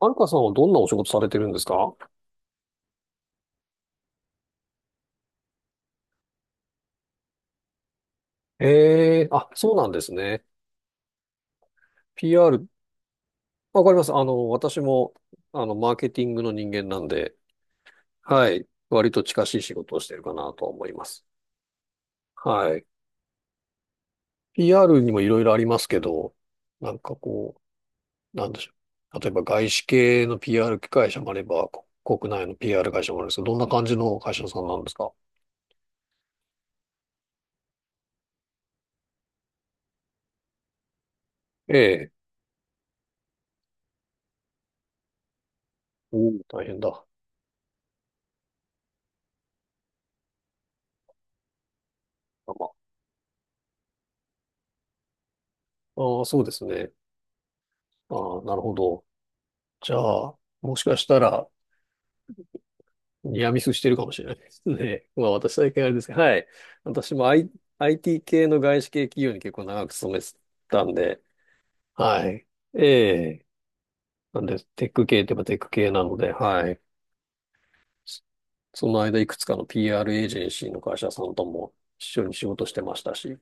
はるかさんはどんなお仕事されてるんですか？ええーあ、そうなんですね。PR、わかります。私も、マーケティングの人間なんで、はい。割と近しい仕事をしてるかなと思います。はい。PR にもいろいろありますけど、なんかこう、なんでしょう。例えば外資系の PR 会社もあれば、国内の PR 会社もあるんですけど、どんな感じの会社さんなんですか？ええ。おー大変だ。まあ、あー、そうですね。ああ、なるほど。じゃあ、もしかしたら、いや、ミスしてるかもしれないですね。まあ私だけあれですけど、はい。私も、I、IT 系の外資系企業に結構長く勤めてたんで、はい。ええ。なんで、テック系って言えばテック系なので、はい。そその間、いくつかの PR エージェンシーの会社さんとも一緒に仕事してましたし、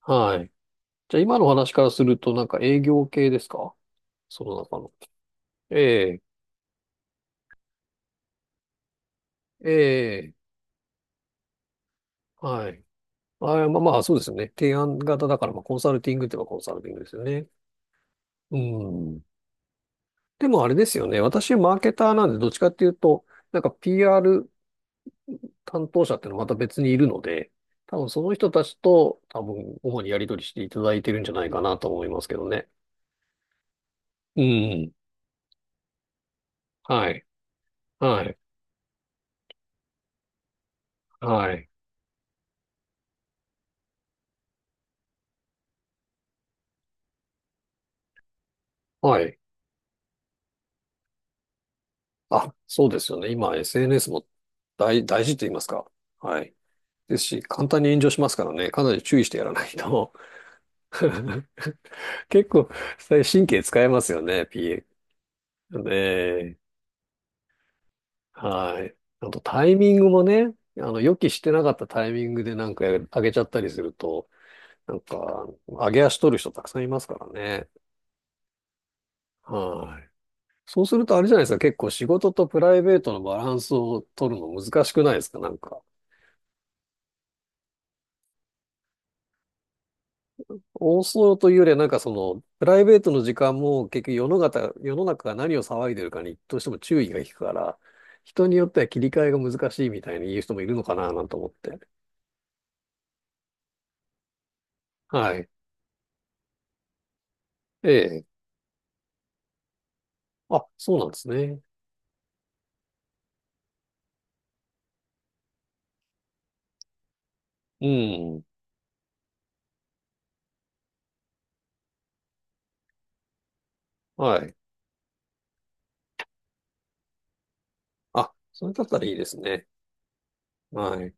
はい。じゃあ今のお話からすると、なんか営業系ですか？その中の。ええ、ええ、はい。あー、まあまあ、そうですよね。提案型だから、まあ、コンサルティングって言えばコンサルティングですよね。うん。でもあれですよね。私、マーケターなんで、どっちかっていうと、なんか PR 担当者っていうのはまた別にいるので、多分その人たちと、主にやり取りしていただいてるんじゃないかなと思いますけどね。うん。はい。はい。はい。はい。あ、そうですよね。今、SNS も大事って言いますか。はい。ですし、簡単に炎上しますからね。かなり注意してやらないと。結構、神経使えますよね、PA。ねえはい。あとタイミングもね、あの、予期してなかったタイミングでなんか上げちゃったりすると、なんか、上げ足取る人たくさんいますからね。はい。そうするとあれじゃないですか、結構仕事とプライベートのバランスを取るの難しくないですか、なんか。多そうというよりは、なんかその、プライベートの時間も結局世の中が何を騒いでるかにどうしても注意が引くから、人によっては切り替えが難しいみたいに言う人もいるのかな、なんて思って。はい。ええ。あ、そうなんですね。うん。はい。あ、それだったらいいですね。はい。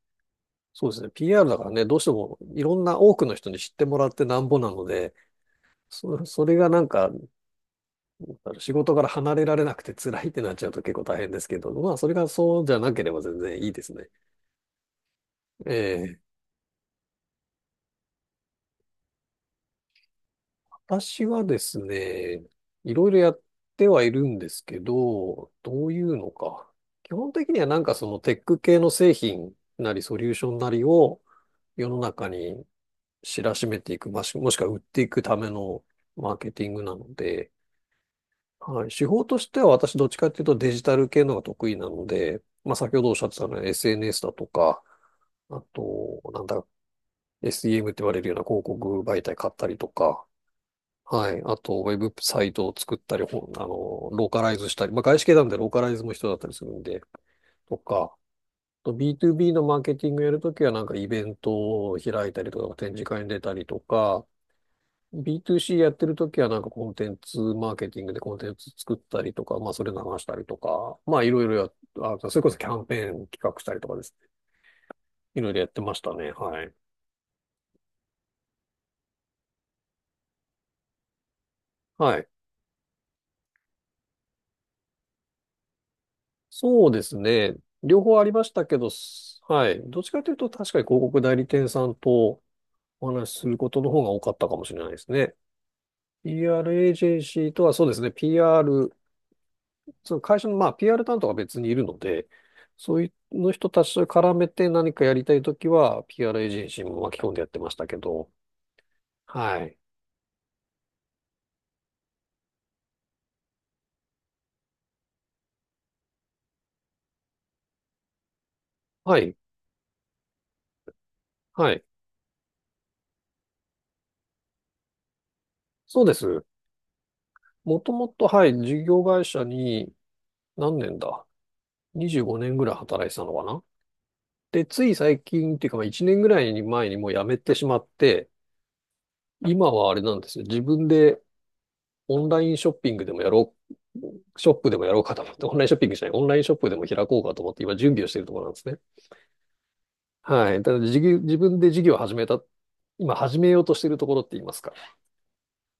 そうですね。PR だからね、どうしてもいろんな多くの人に知ってもらってなんぼなので、それがなんか、仕事から離れられなくて辛いってなっちゃうと結構大変ですけど、まあ、それがそうじゃなければ全然いいですね。ええ。私はですね、いろいろやってはいるんですけど、どういうのか。基本的にはなんかそのテック系の製品なりソリューションなりを、世の中に知らしめていく、まあ、もしくは売っていくためのマーケティングなので、はい、手法としては私どっちかっていうとデジタル系のが得意なので、まあ、先ほどおっしゃってたのは SNS だとか、あと、なんだ、SEM って言われるような広告媒体買ったりとか、はい。あと、ウェブサイトを作ったり、ほんあの、ローカライズしたり、まあ、外資系なんでローカライズも必要だったりするんで、とか、あと B2B のマーケティングやるときは、なんかイベントを開いたりとか、展示会に出たりとか、B2C やってるときはなんかコンテンツマーケティングでコンテンツ作ったりとか、まあそれ流したりとか、まあいろいろや、あ、それこそキャンペーン企画したりとかですね。いろいろやってましたね。はい。はい。そうですね。両方ありましたけど、はい。どっちかというと確かに広告代理店さんとお話しすることの方が多かったかもしれないですね。PR エージェンシーとはそうですね。PR その会社のまあ PR 担当が別にいるので、そういうの人たちと絡めて何かやりたいときは PR エージェンシーも巻き込んでやってましたけど、はい。はい。はい。そうです。もともと、はい、事業会社に何年だ ?25 年ぐらい働いてたのかな。で、つい最近っていうか、まあ1年ぐらい前にもう辞めてしまって、今はあれなんですよ。自分でオンラインショッピングでもやろう、ショップでもやろうかと思って、オンラインショッピングじゃない、オンラインショップでも開こうかと思って今準備をしているところなんですね。はい。ただ事業自分で事業を始めた、今始めようとしているところって言いますか。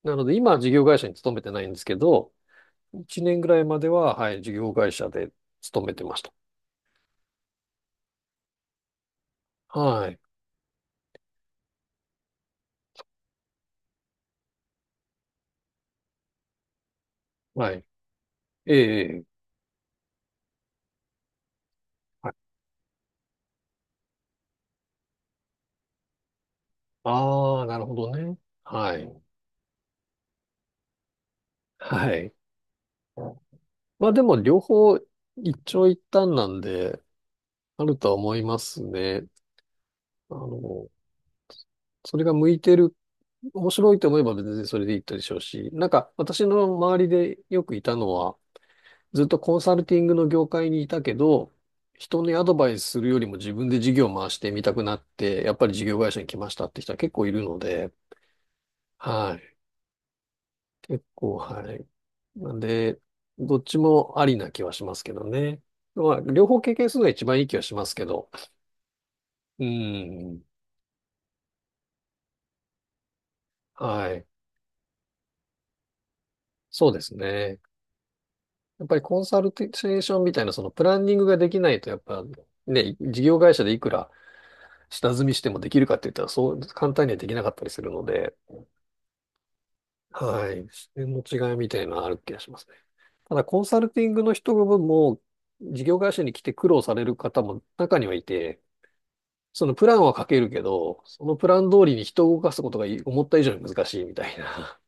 なので、今は事業会社に勤めてないんですけど、1年ぐらいまでは、はい、事業会社で勤めてました。はい。はい。ええ。ええはい、ああ、なるほどね。はい。はい。まあでも、両方一長一短なんで、あるとは思いますね。あの、それが向いてる、面白いと思えば別にそれでいいでしょうし、なんか私の周りでよくいたのは、ずっとコンサルティングの業界にいたけど、人にアドバイスするよりも自分で事業を回してみたくなって、やっぱり事業会社に来ましたって人は結構いるので、はい。結構、はい。なんで、どっちもありな気はしますけどね。まあ、両方経験するのが一番いい気はしますけど。うん。はい。そうですね。やっぱりコンサルテーションみたいなそのプランニングができないと、やっぱね、事業会社でいくら下積みしてもできるかって言ったらそう簡単にはできなかったりするので、はい。視点の違いみたいなのはある気がしますね。ただ、コンサルティングの人も、事業会社に来て苦労される方も中にはいて、そのプランは書けるけど、そのプラン通りに人を動かすことが思った以上に難しいみたいな。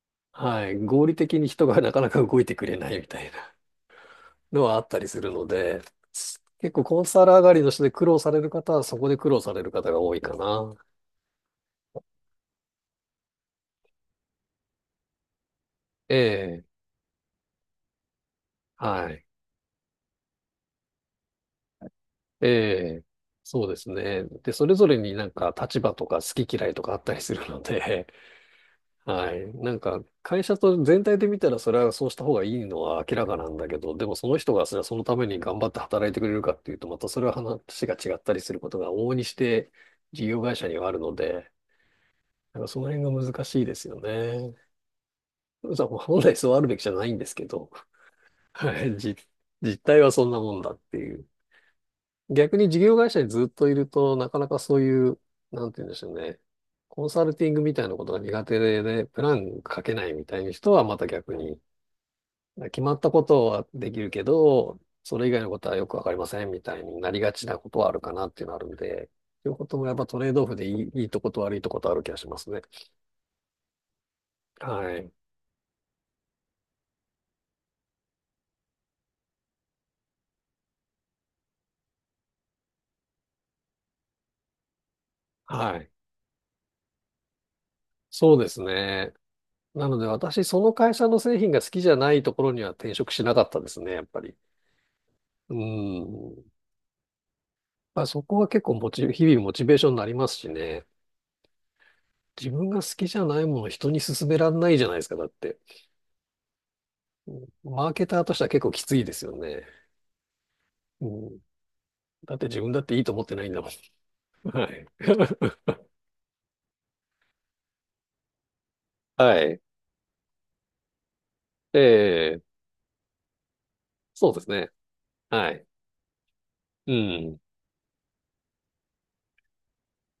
はい。合理的に人がなかなか動いてくれないみたいなのはあったりするので、結構コンサル上がりの人で苦労される方はそこで苦労される方が多いかな。ええ。はい。ええ、そうですね。で、それぞれになんか立場とか好き嫌いとかあったりするので、はい。なんか会社と全体で見たらそれはそうした方がいいのは明らかなんだけど、でもその人がそれはそのために頑張って働いてくれるかっていうと、またそれは話が違ったりすることが往々にして事業会社にはあるので、なんかその辺が難しいですよね。そう本来そうあるべきじゃないんですけど、はい。実態はそんなもんだっていう。逆に事業会社にずっといると、なかなかそういう、なんて言うんでしょうね。コンサルティングみたいなことが苦手で、プラン書けないみたいな人はまた逆に、決まったことはできるけど、それ以外のことはよくわかりませんみたいになりがちなことはあるかなっていうのはあるんで、いうこともやっぱトレードオフでいいとこと悪いとことある気がしますね。はい。はい。そうですね。なので私、その会社の製品が好きじゃないところには転職しなかったですね、やっぱり。うん。まあ、そこは結構日々モチベーションになりますしね。自分が好きじゃないものを人に勧められないじゃないですか、だって。うん、マーケターとしては結構きついですよね。うん、だって自分だっていいと思ってないんだもん。はい。はい。ええ、そうですね。はい。うん。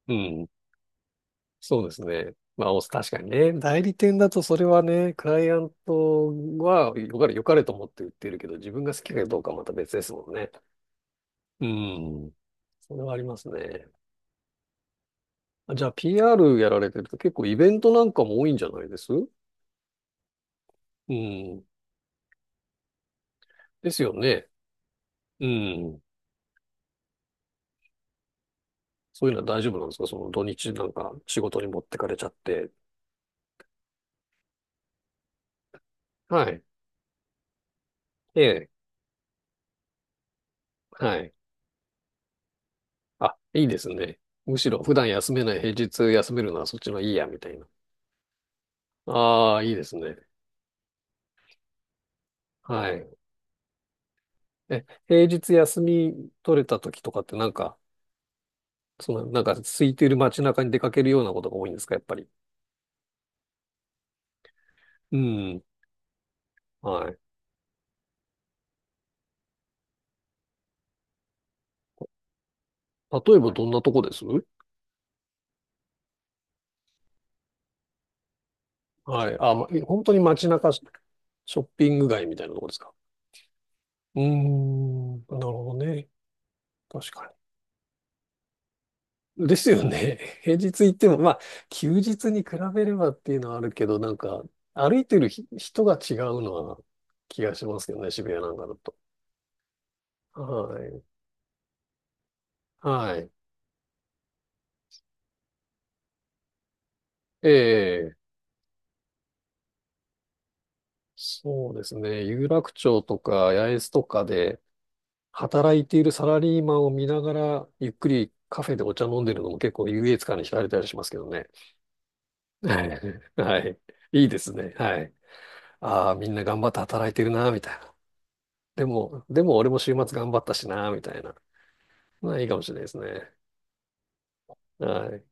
うん。そうですね。まあ、お確かにね。代理店だとそれはね、クライアントはよかれと思って売ってるけど、自分が好きかどうかはまた別ですもんね。うん。それはありますね。あ、じゃあ PR やられてると結構イベントなんかも多いんじゃないですうん。ですよね。うん。そういうのは大丈夫なんですか、その土日なんか仕事に持ってかれちゃって。はい。ええ。はい。あ、いいですね。むしろ普段休めない平日休めるのはそっちのいいや、みたいな。ああ、いいですね。はい。え、平日休み取れた時とかってなんか、その、なんか空いてる街中に出かけるようなことが多いんですか、やっぱり。うん。はい。例えばどんなとこです、はい。あ、ま、本当に街中ショッピング街みたいなところですか。うーん、なるほどね。確かに。ですよね。平日行っても、まあ、休日に比べればっていうのはあるけど、なんか、歩いてる人が違うのは気がしますけどね、渋谷なんかだと。はい。はい。ええ、そうですね。有楽町とか八重洲とかで働いているサラリーマンを見ながら、ゆっくりカフェでお茶飲んでるのも結構優越感に浸れたりしますけどね。はい。はい。いいですね。はい。ああ、みんな頑張って働いてるな、みたいな。でも俺も週末頑張ったしな、みたいな。まあ、いいかもしれないですね。はい。